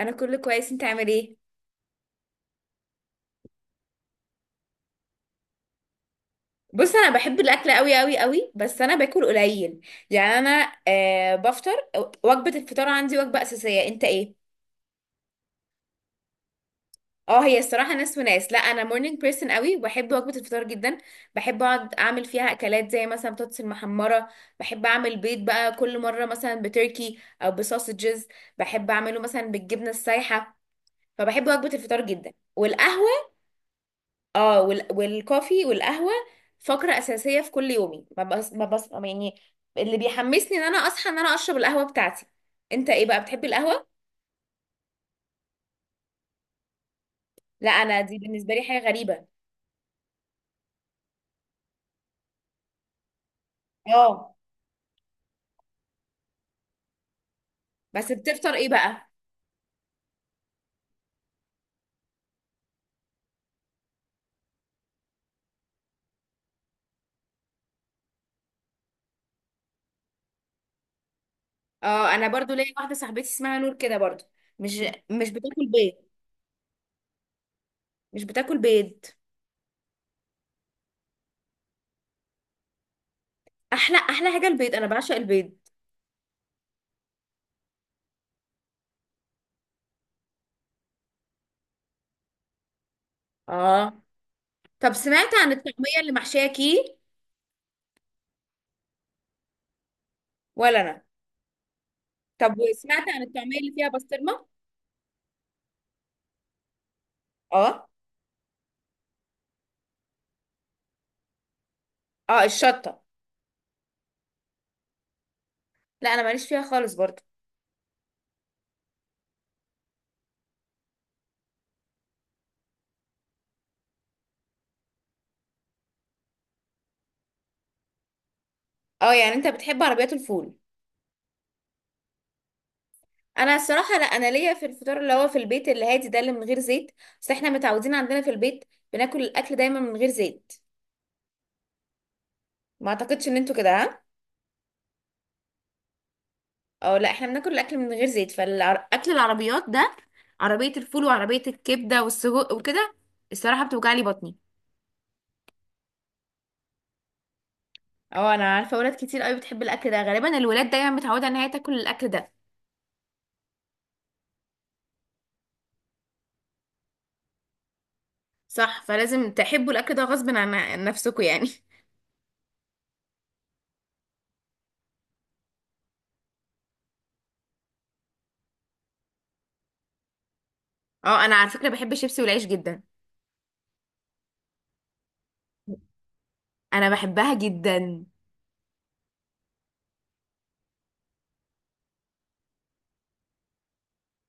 انا كله كويس. انت عامل ايه؟ بص، انا بحب الاكل قوي قوي قوي بس انا باكل قليل. يعني انا بفطر. وجبه الفطار عندي وجبه اساسيه. انت ايه؟ اه، هي الصراحه ناس وناس. لا انا مورنينج بيرسون قوي وبحب وجبه الفطار جدا. بحب اقعد اعمل فيها اكلات زي مثلا بطاطس المحمره. بحب اعمل بيض بقى كل مره، مثلا بتركي او بسوسجز. بحب اعمله مثلا بالجبنه السايحه. فبحب وجبه الفطار جدا والقهوه. اه والكوفي والقهوة فقرة أساسية في كل يومي. ما بس... ما بس... يعني اللي بيحمسني ان انا اصحى ان انا اشرب القهوة بتاعتي. انت ايه بقى، بتحب القهوة؟ لا، انا دي بالنسبة لي حاجة غريبة. اه. بس بتفطر ايه بقى؟ اه انا برضو ليا واحدة صاحبتي اسمها نور كده برضو. مش مش بتاكل بيض. مش بتاكل بيض. احلى احلى حاجة البيض، انا بعشق البيض. اه. طب سمعت عن الطعمية اللي محشية كي؟ ولا انا. طب وسمعت عن الطعمية اللي فيها بسطرمة؟ اه. اه الشطة. لا انا ماليش فيها خالص برضو. اه يعني انت بتحب عربيات الفول. انا الصراحه لا، انا ليا في الفطار اللي هو في البيت اللي هادي ده، اللي من غير زيت. بس احنا متعودين عندنا في البيت بناكل الاكل دايما من غير زيت. ما اعتقدش ان انتوا كده، ها؟ اه لا احنا بناكل الاكل من غير زيت. فالاكل العربيات ده، عربيه الفول وعربيه الكبده والسجق وكده، الصراحه بتوجع لي بطني. اه انا عارفه ولاد كتير قوي بتحب الاكل ده. غالبا الولاد دايما متعوده ان هي تاكل الاكل ده. صح، فلازم تحبوا الاكل ده غصب عن نفسكم يعني. اه انا على فكره بحب الشيبسي والعيش جدا. انا بحبها جدا.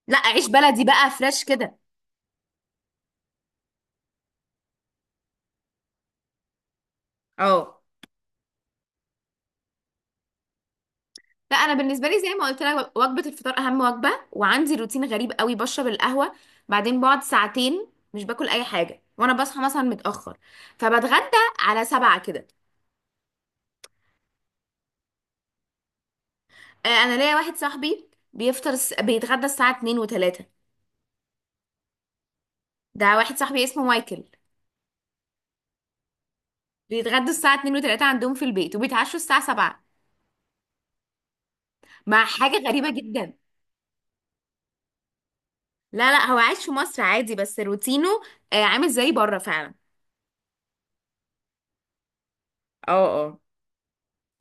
لا، عيش بلدي بقى فريش كده. اه. لا انا بالنسبه لي زي ما قلت لك، وجبه الفطار اهم وجبه، وعندي روتين غريب قوي. بشرب القهوه، بعدين بقعد ساعتين مش باكل اي حاجه، وانا بصحى مثلا متاخر، فبتغدى على 7 كده. انا ليا واحد صاحبي بيفطر بيتغدى الساعه 2 و3. ده واحد صاحبي اسمه مايكل. بيتغدى الساعه 2 و3 عندهم في البيت، وبيتعشوا الساعه 7. مع حاجه غريبه جدا. لا لا، هو عايش في مصر عادي بس روتينه عامل زي بره فعلا. اه اه.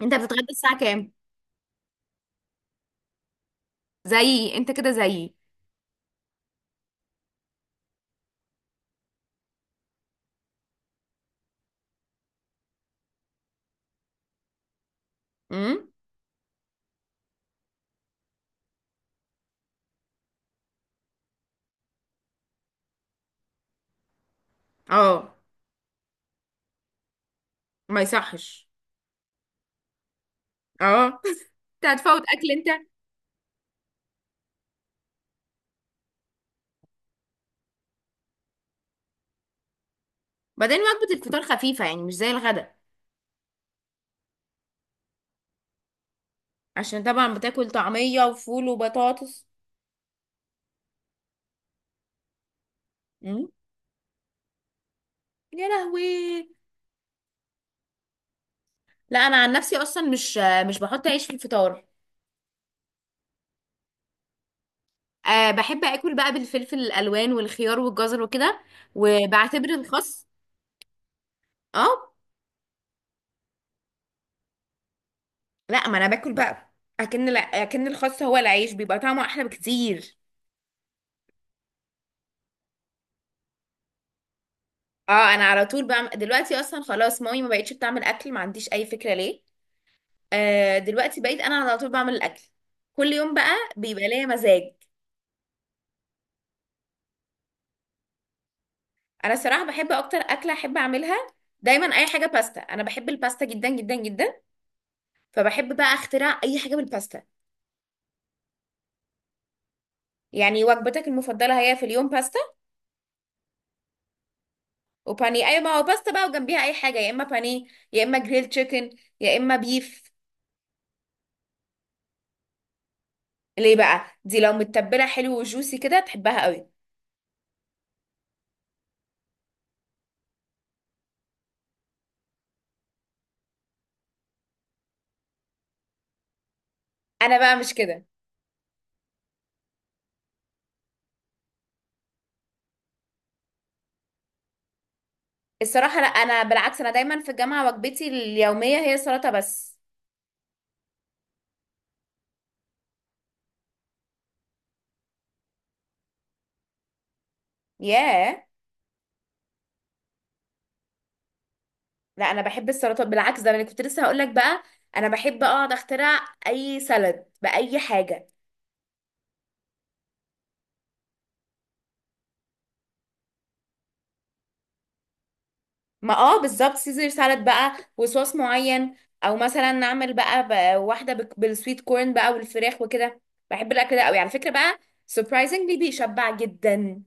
انت بتتغدى الساعة كام؟ زيي، انت كده زيي. امم. اه. ما يصحش. اه. انت هتفوت اكل انت. بعدين وجبة الفطار خفيفة يعني، مش زي الغدا. عشان طبعا بتاكل طعمية وفول وبطاطس. امم. يا لهوي. لا انا عن نفسي اصلا مش بحط عيش في الفطار. أه بحب اكل بقى بالفلفل الالوان والخيار والجزر وكده، وبعتبر الخس. اه. لا ما انا باكل بقى، اكن الخس هو العيش، بيبقى طعمه احلى بكتير. اه انا على طول بعمل دلوقتي. اصلا خلاص مامي ما بقتش بتعمل اكل، ما عنديش اي فكره ليه. آه دلوقتي بقيت انا على طول بعمل الاكل كل يوم بقى، بيبقى ليا مزاج. انا صراحه بحب اكتر اكله احب اعملها دايما اي حاجه باستا. انا بحب الباستا جدا جدا جدا. فبحب بقى اخترع اي حاجه بالباستا. يعني وجبتك المفضله هي في اليوم باستا وبانيه. اي، ما هو باستا بقى، وجنبيها اي حاجه، يا اما بانيه، يا اما جريل تشيكن، يا اما بيف. ليه بقى؟ دي لو متبله حلو وجوسي كده تحبها قوي. انا بقى مش كده. الصراحة لا، أنا بالعكس، أنا دايما في الجامعة وجبتي اليومية هي سلطة بس. ياه. لا أنا بحب السلطة بالعكس، ده أنا كنت لسه هقولك بقى. أنا بحب أقعد أخترع أي سلد بأي حاجة. ما اه بالظبط، سيزر سالاد بقى وصوص معين، أو مثلا نعمل بقى واحدة بالسويت كورن بقى والفراخ وكده. بحب الأكل ده أوي على فكرة بقى. سربرايزنجلي بيشبع جدا.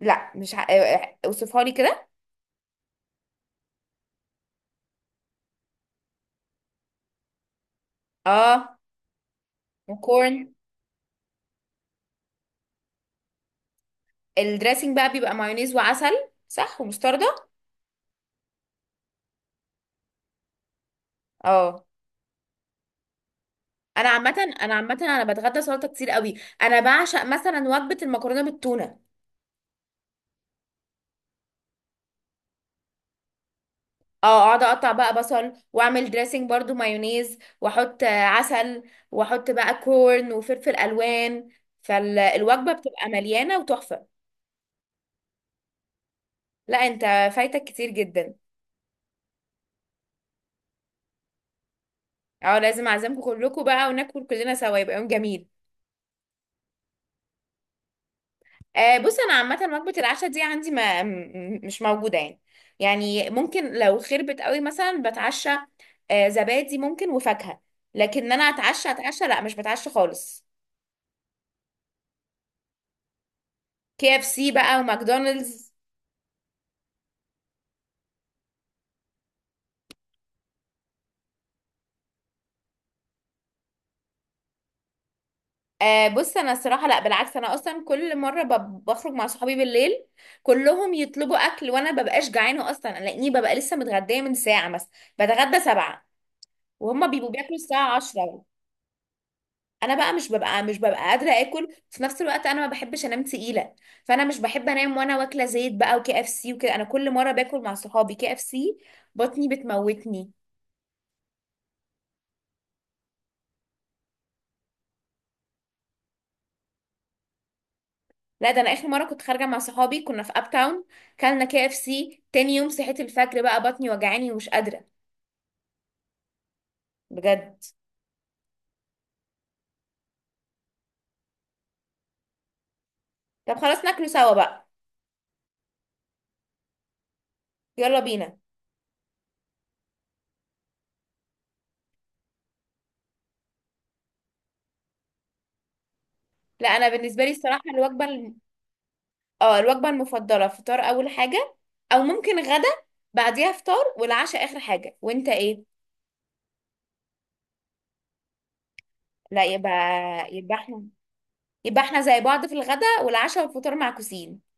لا مش ه... اوصفها لي كده. اه. وكورن. الدريسنج بقى بيبقى مايونيز وعسل. صح، ومستردة. اه انا عامه انا بتغدى سلطه كتير قوي. انا بعشق مثلا وجبه المكرونه بالتونه. اه اقعد اقطع بقى بصل، واعمل دريسنج برضو مايونيز، واحط عسل، واحط بقى كورن وفلفل الوان، فالوجبه بتبقى مليانه وتحفه. لا انت، فايتك كتير جدا. اه لازم اعزمكم كلكم بقى وناكل كلنا سوا، يبقى يوم جميل. آه بص انا عامه وجبه العشاء دي عندي ما م- مش موجوده يعني. يعني ممكن لو خربت قوي مثلا بتعشى آه زبادي ممكن وفاكهه. لكن انا اتعشى اتعشى، لا مش بتعشى خالص. كي اف سي بقى وماكدونالدز. آه بص انا الصراحه لا بالعكس، انا اصلا كل مره بخرج مع صحابي بالليل، كلهم يطلبوا اكل وانا ببقاش جعانه اصلا لاني ببقى لسه متغديه من ساعه، مثلا بتغدى 7 وهم بيبقوا بياكلوا الساعه 10. انا بقى مش ببقى قادره اكل في نفس الوقت. انا ما بحبش انام تقيله، فانا مش بحب انام وانا واكله زيت بقى وكي اف سي وكده. انا كل مره باكل مع صحابي كي اف سي بطني بتموتني. لا ده انا اخر مره كنت خارجه مع صحابي كنا في اب تاون، كلنا كي اف سي. تاني يوم صحيت الفجر بقى بطني وجعاني ومش قادره. بجد. طب خلاص ناكله سوا بقى. يلا بينا. لا انا بالنسبه لي الصراحه اه الوجبه المفضله فطار اول حاجه، او ممكن غدا بعديها فطار، والعشاء اخر حاجه. وانت ايه؟ لا يبقى، يبقى احنا يبقى احنا زي بعض في الغداء والعشاء والفطار معكوسين.